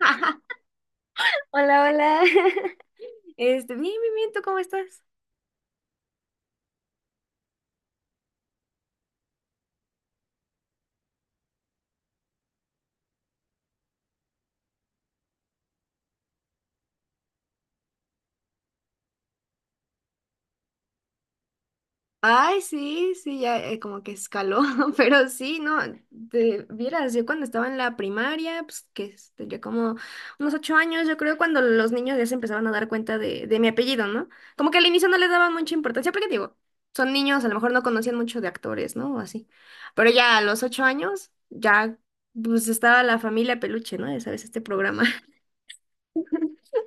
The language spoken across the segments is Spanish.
Hola, hola. Bien, bien, bien, ¿tú cómo estás? Ay, sí, sí, ya como que escaló, pero sí, no, te vieras, yo cuando estaba en la primaria, pues tendría como unos 8 años, yo creo cuando los niños ya se empezaban a dar cuenta de mi apellido, ¿no? Como que al inicio no les daban mucha importancia, porque digo, son niños, a lo mejor no conocían mucho de actores, ¿no? O así. Pero ya a los 8 años, ya, pues estaba La Familia Peluche, ¿no? Ya sabes, este programa.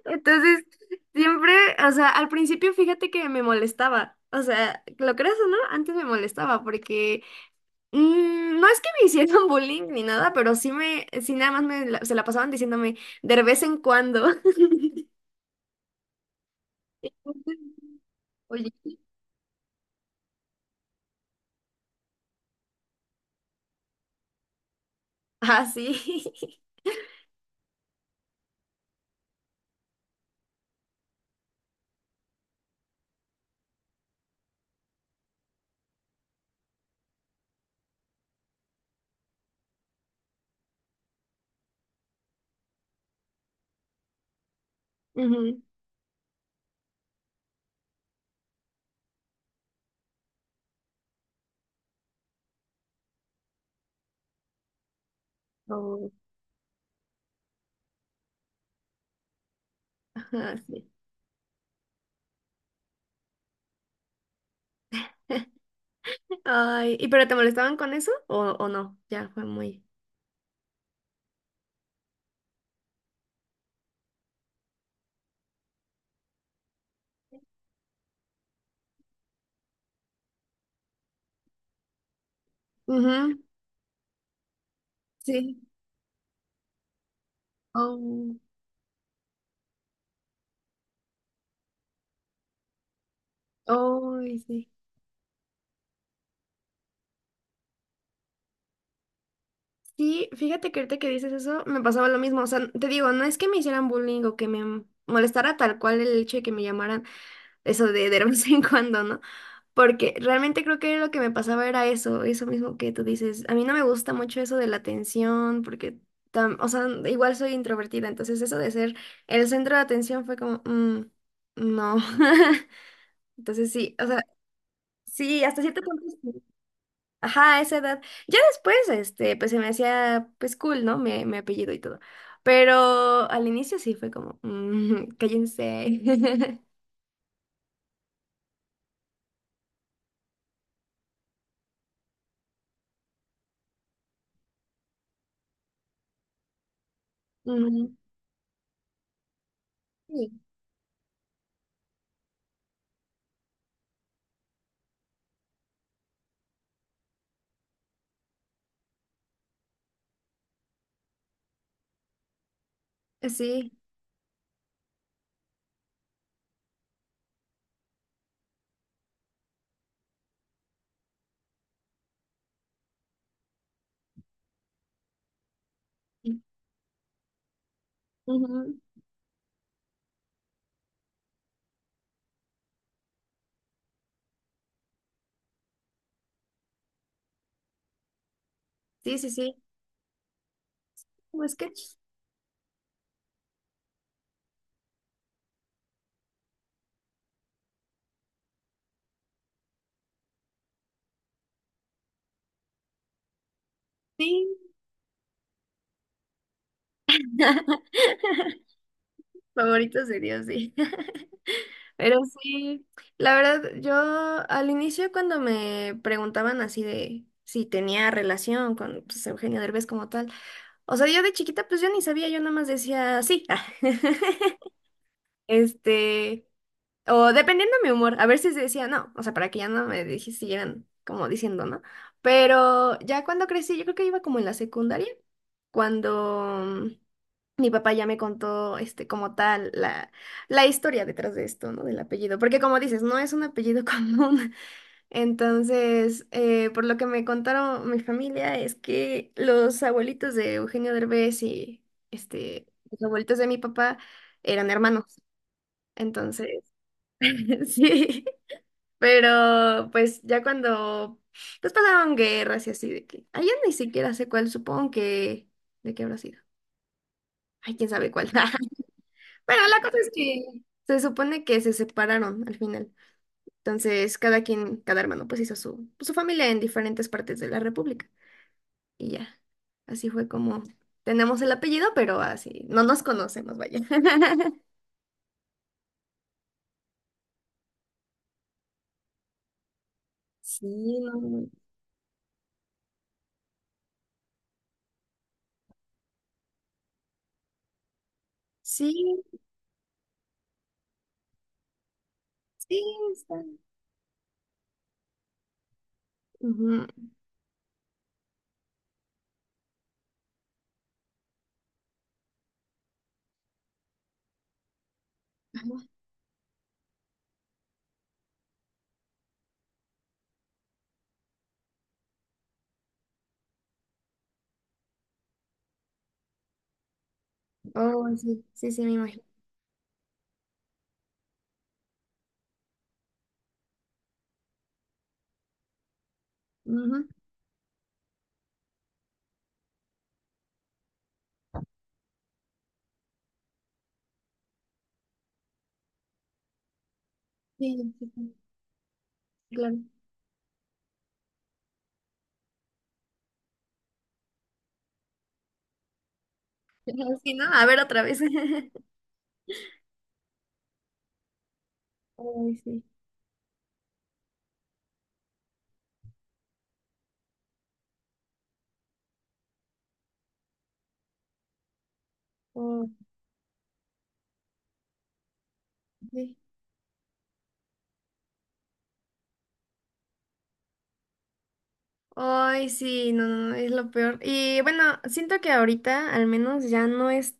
Entonces, siempre, o sea, al principio fíjate que me molestaba. O sea, lo creas o no, antes me molestaba porque no es que me hicieran bullying ni nada, pero sí nada más se la pasaban diciéndome de vez en cuando. Oye, ah, sí. Ujú. Oh, ajá, sí. Ay, ¿y pero te molestaban con eso o no? Ya fue muy. Ujú. Sí. Oh, ay, sí. Sí, fíjate que ahorita que dices eso, me pasaba lo mismo. O sea, te digo, no es que me hicieran bullying o que me molestara tal cual el hecho de que me llamaran eso de vez en cuando, ¿no? Porque realmente creo que lo que me pasaba era eso, eso mismo que tú dices. A mí no me gusta mucho eso de la atención, porque, o sea, igual soy introvertida, entonces eso de ser el centro de atención fue como, "Mm, no." Entonces sí, o sea, sí, hasta cierto punto. Sí. Ajá, a esa edad. Ya después, pues se me hacía, pues cool, ¿no? Me apellido y todo. Pero al inicio sí fue como, "Mm, cállense." Ujú. Sí. Sí. Ujú. Sí, sí, sí. Como sketch. Sí. Favoritos de Dios, sí. Pero sí, la verdad, yo al inicio cuando me preguntaban así de si tenía relación con pues, Eugenio Derbez como tal, o sea, yo de chiquita pues yo ni sabía, yo nada más decía sí. Este, o dependiendo de mi humor, a ver si decía no, o sea, para que ya no siguieran como diciendo no. Pero ya cuando crecí, yo creo que iba como en la secundaria, cuando mi papá ya me contó, como tal, la historia detrás de esto, ¿no? Del apellido, porque como dices, no es un apellido común. Entonces, por lo que me contaron mi familia, es que los abuelitos de Eugenio Derbez los abuelitos de mi papá eran hermanos. Entonces, sí, pero pues ya cuando pues pasaron guerras y así de que allá ni siquiera sé cuál, supongo que de qué habrá sido. Ay, quién sabe cuál. Pero la cosa es que se supone que se separaron al final. Entonces, cada quien, cada hermano pues hizo su familia en diferentes partes de la República y ya. Así fue como tenemos el apellido, pero así no nos conocemos, vaya. Sí, no, no. Sí, sí, está. Ujú. Oh, sí, sí, sí, me imagino. Ujú. Sí, sí, sí, claro. Ajá, sí, ¿no? A ver otra vez. Ay, sí. Oh, sí. Ay, sí, no, no, no, es lo peor. Y bueno, siento que ahorita al menos ya no es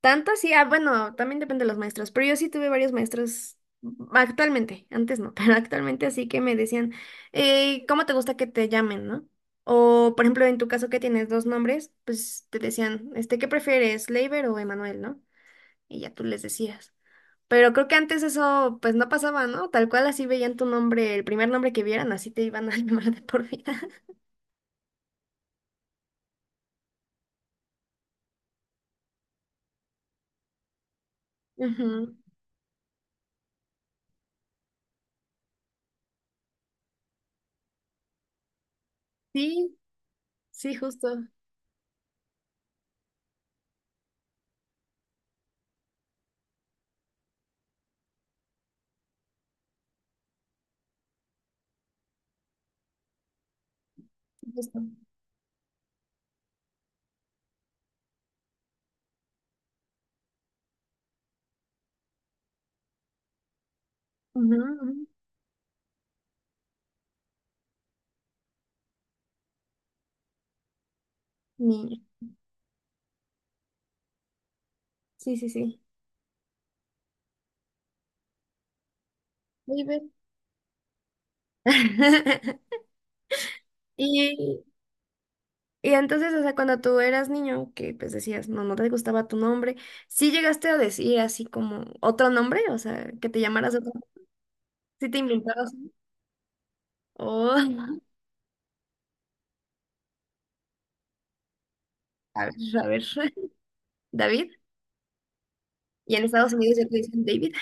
tanto así. Ah, bueno, también depende de los maestros, pero yo sí tuve varios maestros actualmente, antes no, pero actualmente así que me decían, ¿cómo te gusta que te llamen, no? O, por ejemplo, en tu caso que tienes dos nombres, pues te decían, ¿qué prefieres, Leiber o Emanuel, no? Y ya tú les decías. Pero creo que antes eso pues no pasaba, ¿no? Tal cual así veían tu nombre, el primer nombre que vieran, así te iban a llamar de por vida. Ujú. Sí, sí, justo. Ujú, ujú. Niña. Sí, sí, sí. Muy bien. Y, y entonces, o sea, cuando tú eras niño, que pues decías, no, no te gustaba tu nombre, ¿sí llegaste a decir así como otro nombre? O sea, que te llamaras otro, ¿sí te inventabas uno? O, a ver, a ver, David. Y en Estados Unidos ya te dicen David,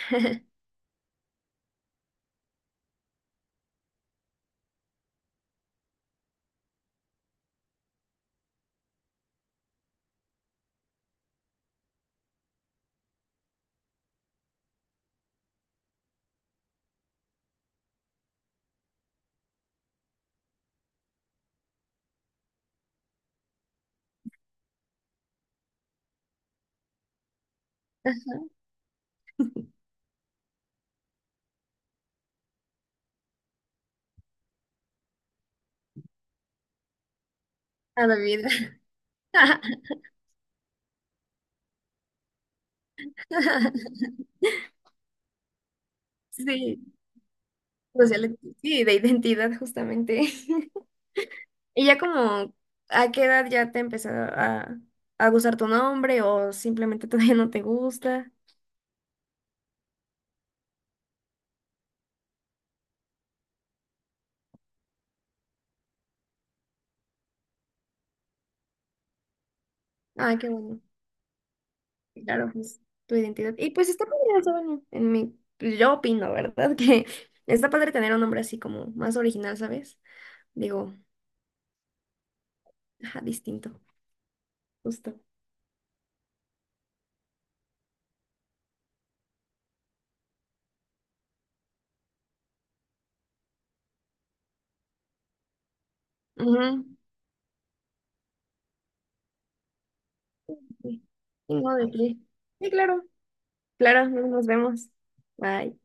a David. Sí, sí, de identidad justamente. Y ya como, ¿a qué edad ya te empezó a gustar tu nombre o simplemente todavía no te gusta? Ah, qué bueno. Claro, pues tu identidad. Y pues está padre, o sea, bueno, en mi, pues, yo opino, ¿verdad? Que está padre tener un nombre así como más original, ¿sabes? Digo, ajá, distinto, justo. Ujú. Sí. Sí, no, de qué. Sí, claro. Claro, nos vemos. Bye.